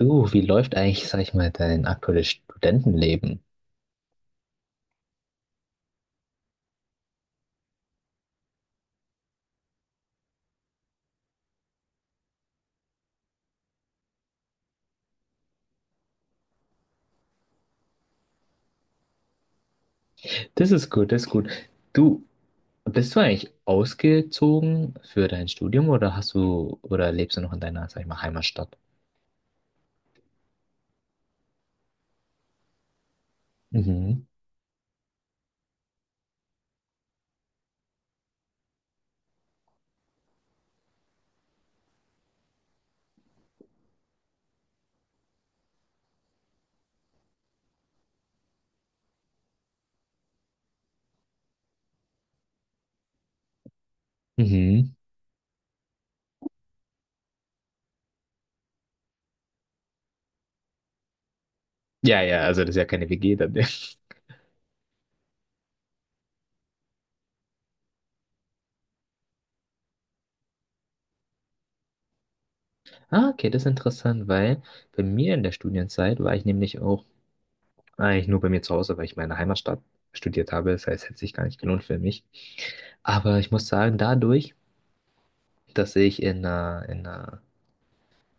Du, wie läuft eigentlich, sag ich mal, dein aktuelles Studentenleben? Das ist gut, das ist gut. Du, bist du eigentlich ausgezogen für dein Studium oder hast du oder lebst du noch in deiner, sag ich mal, Heimatstadt? Mhm. Mhm. Ja, ja, also das ist ja keine WG dann. Ja. Ah, okay, das ist interessant, weil bei mir in der Studienzeit war ich nämlich auch eigentlich nur bei mir zu Hause, weil ich meine Heimatstadt studiert habe. Das heißt, hätte sich gar nicht gelohnt für mich. Aber ich muss sagen, dadurch, dass ich in einer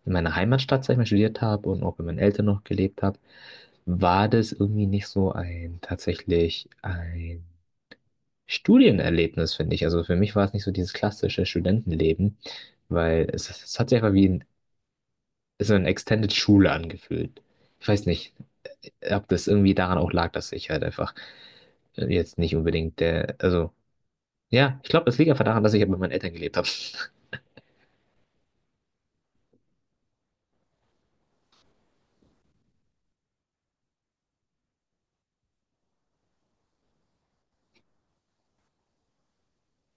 in meiner Heimatstadt, sag ich mal, studiert habe und auch bei meinen Eltern noch gelebt habe, war das irgendwie nicht so ein tatsächlich ein Studienerlebnis, finde ich. Also für mich war es nicht so dieses klassische Studentenleben, weil es hat sich einfach wie ein, so eine Extended Schule angefühlt. Ich weiß nicht, ob das irgendwie daran auch lag, dass ich halt einfach jetzt nicht unbedingt der, also ja, ich glaube, das liegt einfach daran, dass ich halt bei meinen Eltern gelebt habe.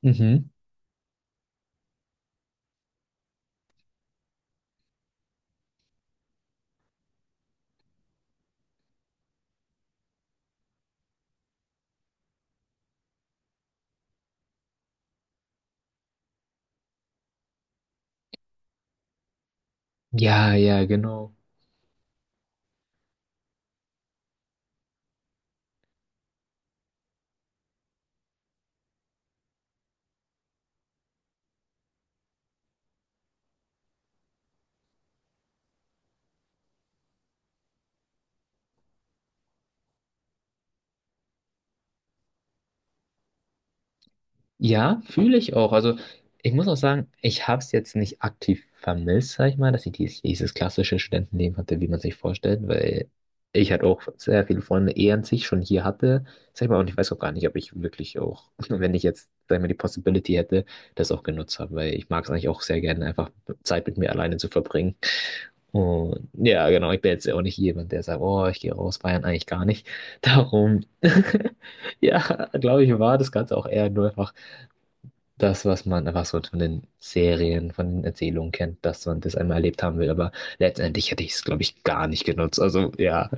Mhm. Ja, ja, genau. Ja, fühle ich auch. Also ich muss auch sagen, ich habe es jetzt nicht aktiv vermisst, sag ich mal, dass ich dieses klassische Studentenleben hatte, wie man sich vorstellt, weil ich halt auch sehr viele Freunde eh an sich schon hier hatte, sag ich mal, und ich weiß auch gar nicht, ob ich wirklich auch, wenn ich jetzt, sag ich mal, die Possibility hätte, das auch genutzt habe, weil ich mag es eigentlich auch sehr gerne, einfach Zeit mit mir alleine zu verbringen. Und ja, genau, ich bin jetzt ja auch nicht jemand, der sagt, oh, ich gehe raus, feiern eigentlich gar nicht. Darum, ja, glaube ich, war das Ganze auch eher nur einfach das, was man einfach so von den Serien, von den Erzählungen kennt, dass man das einmal erlebt haben will. Aber letztendlich hätte ich es, glaube ich, gar nicht genutzt. Also ja,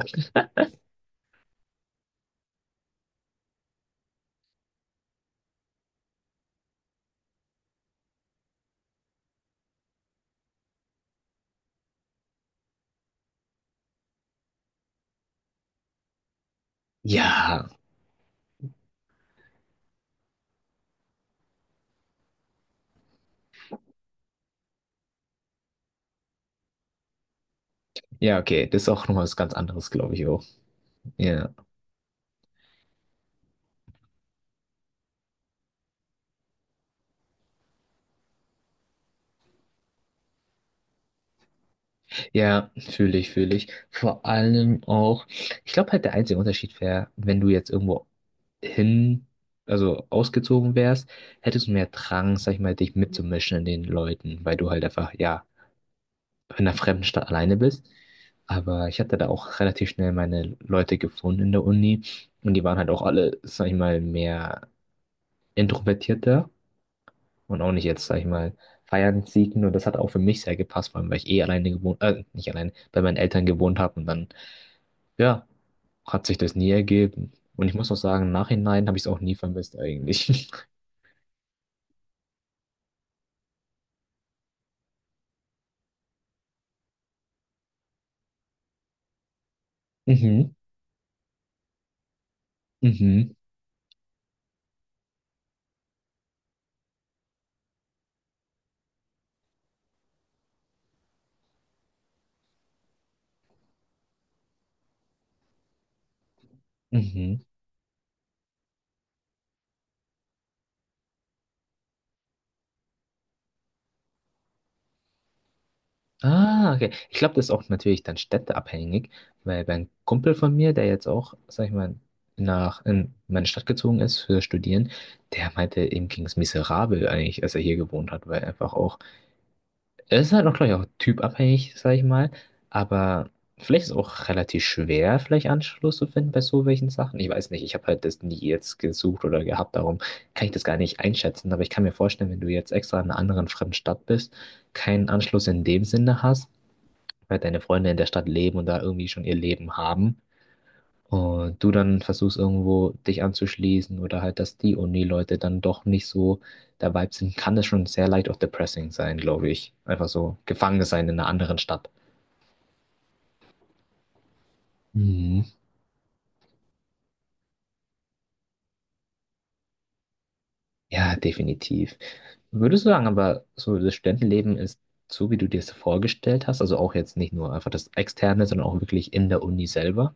ja, ja, okay, das ist auch nochmal was ganz anderes, glaube ich auch. Ja, ja, fühle ich. Vor allem auch, ich glaube halt der einzige Unterschied wäre, wenn du jetzt irgendwo hin, also ausgezogen wärst, hättest du mehr Drang, sag ich mal, dich mitzumischen in den Leuten, weil du halt einfach, ja, in einer fremden Stadt alleine bist. Aber ich hatte da auch relativ schnell meine Leute gefunden in der Uni. Und die waren halt auch alle, sag ich mal, mehr introvertierter und auch nicht jetzt, sag ich mal, feiern, siegen. Und das hat auch für mich sehr gepasst, vor allem, weil ich nicht alleine, bei meinen Eltern gewohnt habe. Und dann, ja, hat sich das nie ergeben. Und ich muss auch sagen, im Nachhinein habe ich es auch nie vermisst eigentlich. Mhm, mhm, mhm. Ah, okay. Ich glaube, das ist auch natürlich dann städteabhängig, weil mein Kumpel von mir, der jetzt auch, sag ich mal, nach in meine Stadt gezogen ist für Studieren, der meinte, ihm ging es miserabel eigentlich, als er hier gewohnt hat, weil einfach auch, es ist halt auch, glaube ich, auch typabhängig, sag ich mal, aber vielleicht ist es auch relativ schwer, vielleicht Anschluss zu finden bei so welchen Sachen. Ich weiß nicht, ich habe halt das nie jetzt gesucht oder gehabt, darum kann ich das gar nicht einschätzen, aber ich kann mir vorstellen, wenn du jetzt extra in einer anderen fremden Stadt bist, keinen Anschluss in dem Sinne hast, halt deine Freunde in der Stadt leben und da irgendwie schon ihr Leben haben. Und du dann versuchst irgendwo dich anzuschließen oder halt, dass die Uni-Leute dann doch nicht so der Vibe sind, kann das schon sehr leicht auch depressing sein, glaube ich. Einfach so gefangen sein in einer anderen Stadt. Mhm. Ja, definitiv. Würdest du sagen, aber so das Studentenleben ist so, wie du dir es vorgestellt hast, also auch jetzt nicht nur einfach das Externe, sondern auch wirklich in der Uni selber?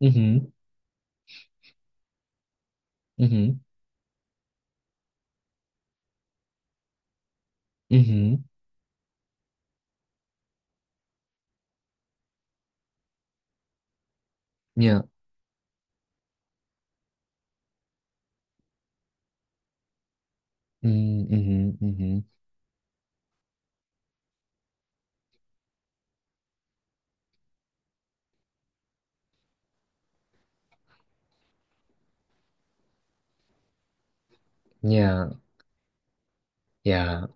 Mhm, mhm, mhm, ja, mhm, mhm, mhm, ja. Ja.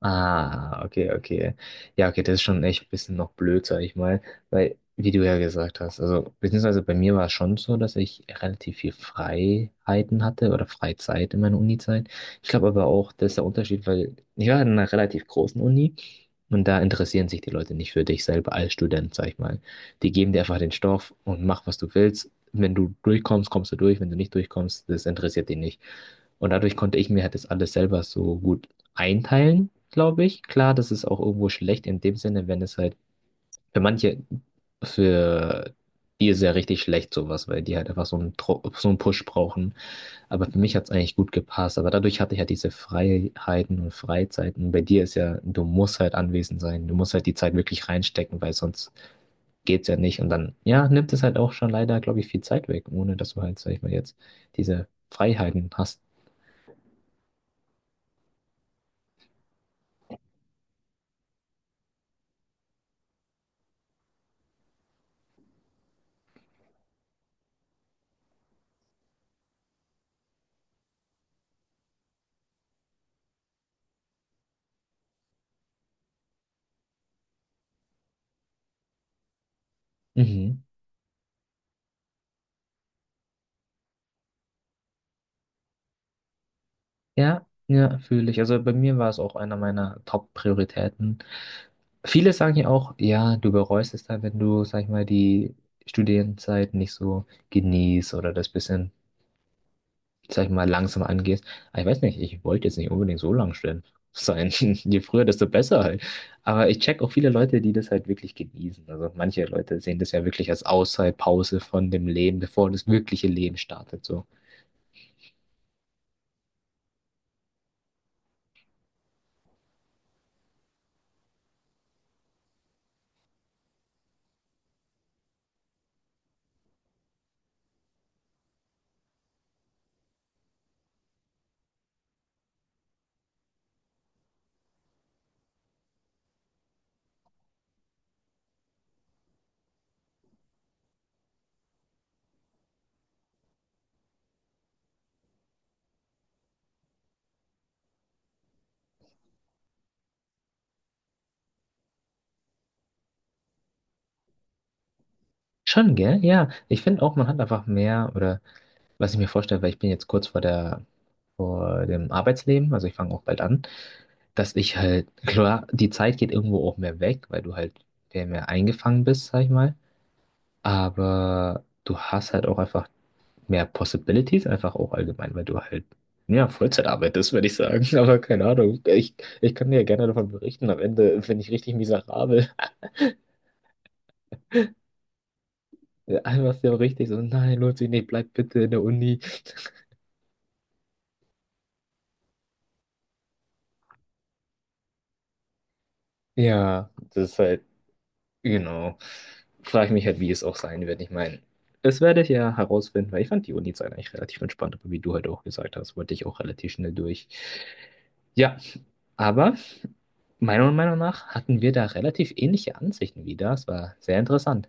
Ah, okay, okay. Ja, okay, das ist schon echt ein bisschen noch blöd, sag ich mal, weil, wie du ja gesagt hast, also, beziehungsweise bei mir war es schon so, dass ich relativ viel Freiheiten hatte oder Freizeit in meiner Unizeit. Ich glaube aber auch, das ist der Unterschied, weil ich war in einer relativ großen Uni und da interessieren sich die Leute nicht für dich selber als Student, sag ich mal. Die geben dir einfach den Stoff und mach, was du willst. Wenn du durchkommst, kommst du durch. Wenn du nicht durchkommst, das interessiert die nicht. Und dadurch konnte ich mir halt das alles selber so gut einteilen glaube ich. Klar, das ist auch irgendwo schlecht in dem Sinne, wenn es halt für manche, für die ist ja richtig schlecht sowas, weil die halt einfach so einen, so einen Push brauchen. Aber für mich hat es eigentlich gut gepasst. Aber dadurch hatte ich halt diese Freiheiten und Freizeiten. Bei dir ist ja, du musst halt anwesend sein. Du musst halt die Zeit wirklich reinstecken, weil sonst geht's ja nicht. Und dann, ja, nimmt es halt auch schon leider, glaube ich, viel Zeit weg, ohne dass du halt, sag ich mal, jetzt diese Freiheiten hast. Mhm. Ja, ja, fühle ich. Also bei mir war es auch einer meiner Top-Prioritäten. Viele sagen ja auch, ja, du bereust es dann, wenn du, sag ich mal, die Studienzeit nicht so genießt oder das bisschen, sag ich mal, langsam angehst. Aber ich weiß nicht, ich wollte jetzt nicht unbedingt so lang stehen sein. Je früher, desto besser halt. Aber ich check auch viele Leute, die das halt wirklich genießen. Also manche Leute sehen das ja wirklich als Auszeitpause von dem Leben, bevor das wirkliche Leben startet. So. Schon, gell? Ja. Ich finde auch, man hat einfach mehr oder was ich mir vorstelle, weil ich bin jetzt kurz vor der, vor dem Arbeitsleben, also ich fange auch bald an, dass ich halt, klar, die Zeit geht irgendwo auch mehr weg, weil du halt mehr eingefangen bist, sag ich mal. Aber du hast halt auch einfach mehr Possibilities, einfach auch allgemein, weil du halt, ja, Vollzeit arbeitest, würde ich sagen. Aber keine Ahnung, ich kann dir gerne davon berichten. Am Ende bin ich richtig miserabel. Einfach so richtig so, nein, lohnt sich nicht, bleib bitte in der Uni. Ja, das ist halt Genau. Frage ich mich halt, wie es auch sein wird. Ich meine, das werde ich ja herausfinden, weil ich fand die Uni-Zeit eigentlich relativ entspannt, aber wie du halt auch gesagt hast, wollte ich auch relativ schnell durch. Ja, aber meiner Meinung nach hatten wir da relativ ähnliche Ansichten wieder. Es war sehr interessant.